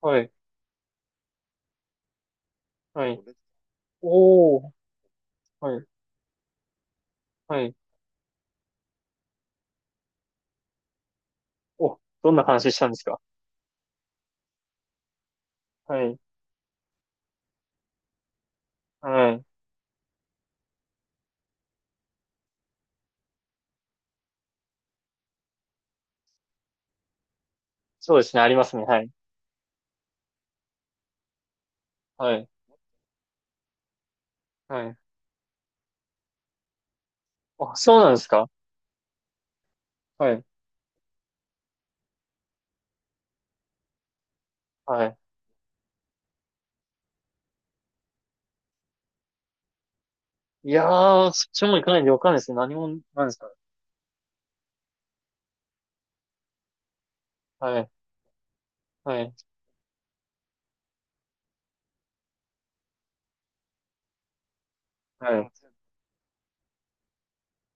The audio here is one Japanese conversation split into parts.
はい、はい。おー、はい、はい。お、どんな話したんですか？はい、はい。そうですね、ありますね。はい、はい、はい。あ、そうなんですか？はい、はい。いやー、そっちも行かないでわかんないですね。何も、なんですか？はい、はい、はい、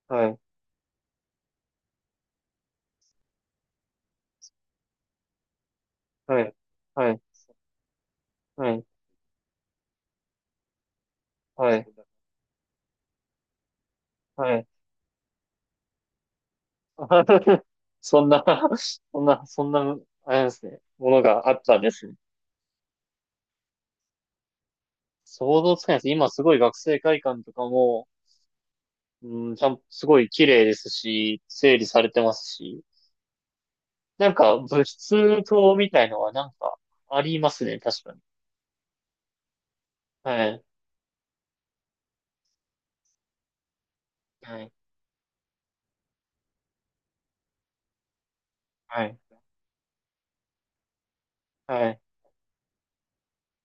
はい、はい、はい、はい、はい、はい。そんな、そんな、そんな、あれですね、ものがあったんですね。想像つかないです。今すごい学生会館とかも、うん、ちゃん、すごい綺麗ですし、整理されてますし、なんか物質棟みたいのはなんかありますね、確かに。はい、はい、はい、はい、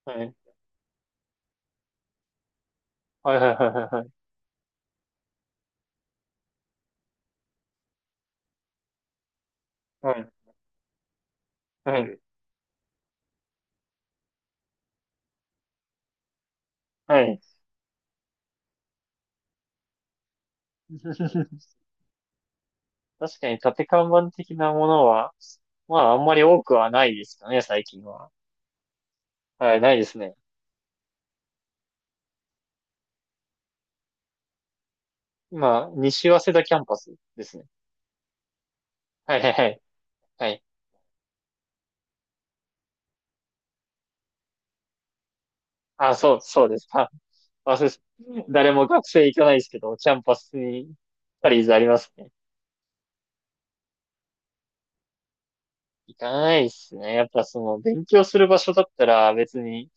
はい、はい、はい、はい、はい、はい、はい。はい。確かに縦看板的なものは、まああんまり多くはないですかね、最近は。はい、ないですね。今、西早稲田キャンパスですね。はい、はい、はい、はい。あ、そう、そうです。あ、そうです。誰も学生行かないですけど、キャンパスに、パリーズありますね。行かないですね。やっぱその、勉強する場所だったら別に、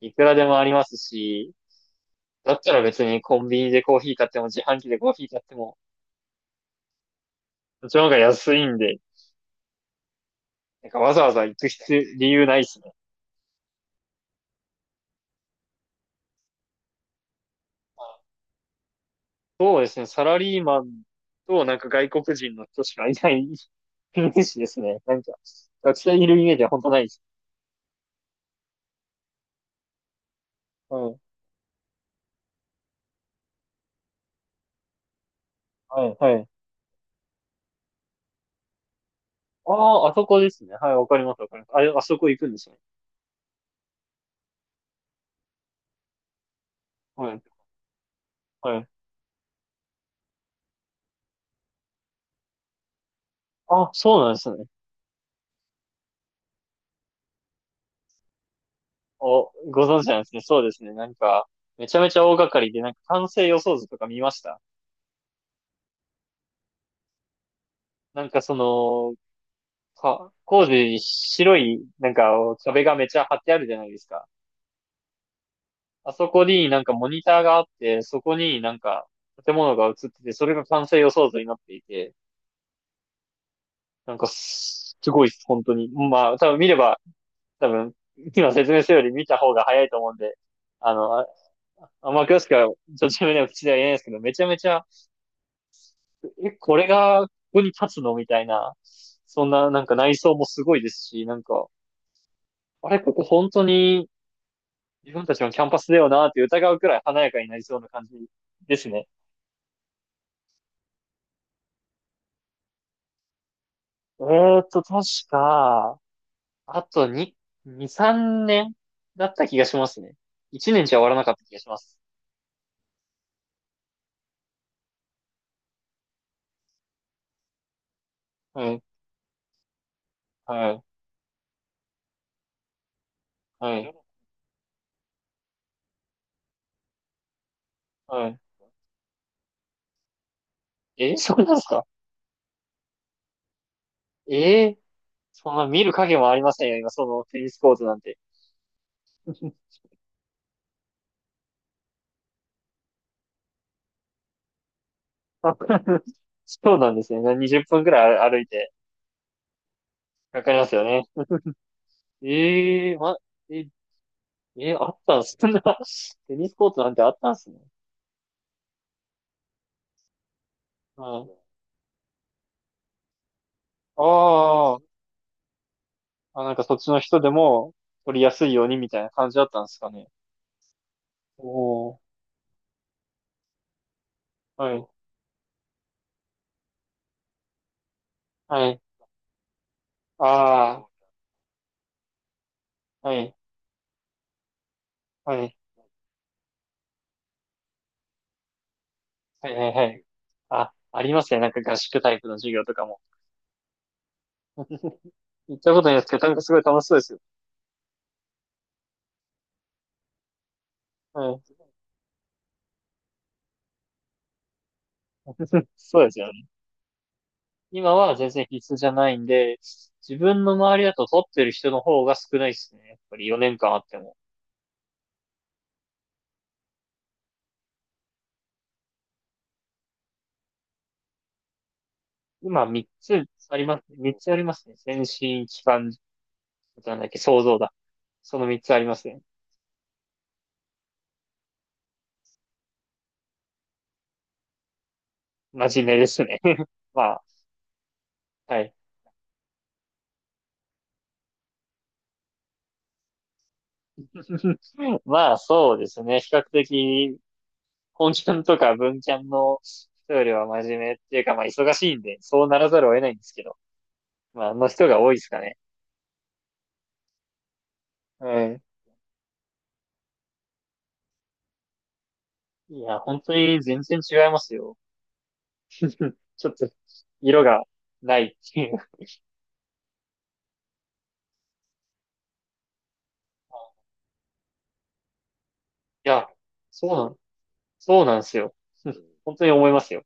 いくらでもありますし、だったら別にコンビニでコーヒー買っても、自販機でコーヒー買っても、そっちの方が安いんで、なんかわざわざ行く必要、理由ないですね。そうですね。サラリーマンと、なんか外国人の人しかいない イメージですね。なんか、学生いるイメージは本当ないです。はい、はい、はい。ああ、あそこですね。はい、わかります、わかります。あれ、あそこ行くんですね。はい、はい。あ、そうなんですね。お、ご存知なんですね。そうですね。なんか、めちゃめちゃ大掛かりで、なんか完成予想図とか見ました？なんかその、工事に白い、なんか壁がめちゃ張ってあるじゃないですか。あそこになんかモニターがあって、そこになんか建物が映ってて、それが完成予想図になっていて、なんかすごいです、本当に。まあ、多分見れば、多分、今説明するより見た方が早いと思うんで、あの、甘く詳しくは、ちょっとは口では言えないですけど、めちゃめちゃ、え、これが、ここに立つのみたいな、そんな、なんか内装もすごいですし、なんか、あれ、ここ本当に自分たちのキャンパスだよなって疑うくらい華やかになりそうな感じですね。確か、あと2、2、3年だった気がしますね。1年じゃ終わらなかった気がします。はい、はい、はい、はい。え、そうなんですか？ええ、そんな見る影もありませんよ、今、そのテニスコートなんて。そうなんですね。20分くらい歩いて、かかりますよね。ええま、え、あったんす、そんな、テニスコートなんてあったんすね。はい。あーなんかそっちの人でも、取りやすいようにみたいな感じだったんですかね。おお、はい、はい、ああ、はい、はい、はい、はい、はい。あ、ありますね。なんか合宿タイプの授業とかも。行ったことないですけど、なんかすごい楽しそうですよ。はい。そうですよね。今は全然必須じゃないんで、自分の周りだと取ってる人の方が少ないですね。やっぱり4年間あっても。今3つありますね、3つありますね。先進、機関、なんだっけ、想像だ。その3つありますね。真面目ですね。まあ、はい。まあ、そうですね。比較的、本キャンとか文キャンの人よりは真面目っていうか、まあ、忙しいんで、そうならざるを得ないんですけど。まあ、あの人が多いですかね。うん。いや、本当に全然違いますよ。うん、ちょっと色がないっていう。いや、そうなん、そうなんですよ。うん、本当に思いますよ。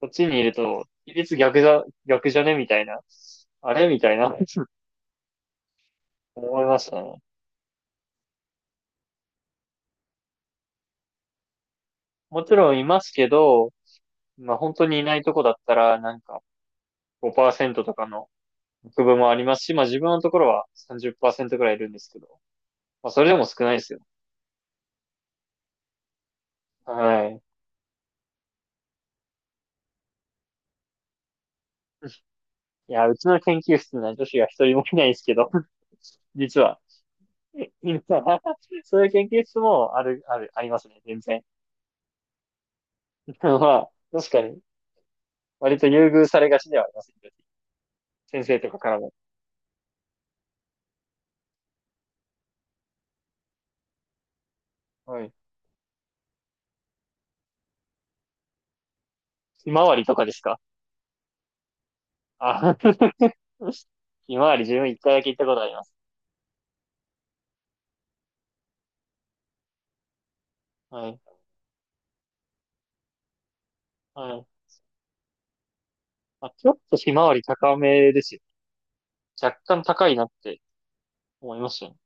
こっちにいると、比率逆だ、逆じゃねみたいな。あれみたいな。うん、思いましたね。もちろんいますけど、まあ本当にいないとこだったら、なんか5%とかの区分もありますし、まあ自分のところは30%くらいいるんですけど、まあそれでも少ないですよ。はい。いや、うちの研究室には女子が一人もいないですけど、実は今、そういう研究室もある、ある、ありますね、全然。まあ、確かに、割と優遇されがちではありますね。先生とかからも。はい。ひまわりとかですか？あ、ひまわり自分一回だけ行ったことあります。はい。はい。あ、ちょっとひまわり高めですよ。若干高いなって思いましたね。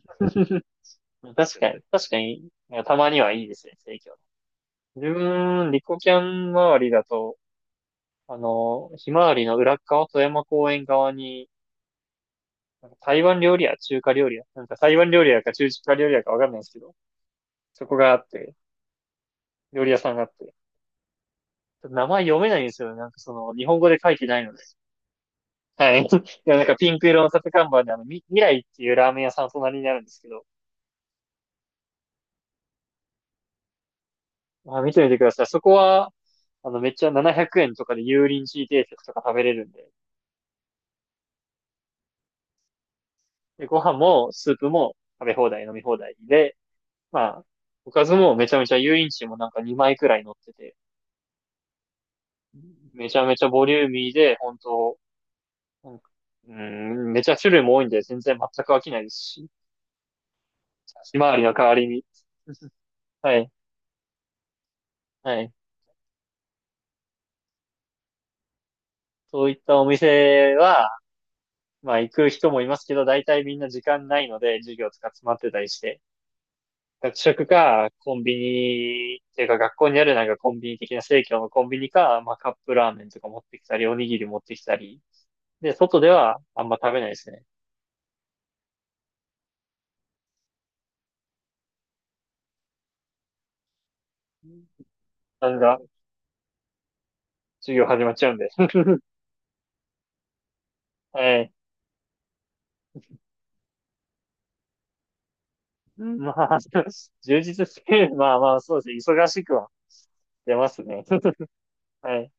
確かに、確かに、たまにはいいですね、生協。自分、リコキャン周りだと、あの、ひまわりの裏側、富山公園側に、なんか台湾料理屋、中華料理屋。なんか台湾料理屋か中華料理屋かわかんないんですけど、そこがあって、料理屋さんがあって。ちょっと名前読めないんですよね。なんかその、日本語で書いてないので。はい。いや、なんかピンク色の立て看板で、あの、未来っていうラーメン屋さん隣にあるんですけど、まあ、見てみてください。そこは、あの、めっちゃ700円とかで油淋鶏定食とか食べれるんで、で、ご飯もスープも食べ放題、飲み放題で、まあ、おかずもめちゃめちゃ油淋鶏もなんか2枚くらい乗ってて、めちゃめちゃボリューミーで、本当なんか、うーん、めちゃ種類も多いんで、全然全く飽きないですし、ひまわりの代わりに。はい、はい。そういったお店は、まあ行く人もいますけど、大体みんな時間ないので、授業とか詰まってたりして、学食か、コンビニ、っていうか学校にあるなんかコンビニ的な生協のコンビニか、まあカップラーメンとか持ってきたり、おにぎり持ってきたり、で、外ではあんま食べないですね。なんだ、授業始まっちゃうんで。はい。まあ、充実して、まあまあ、そうですね。忙しくは出ますね。はい。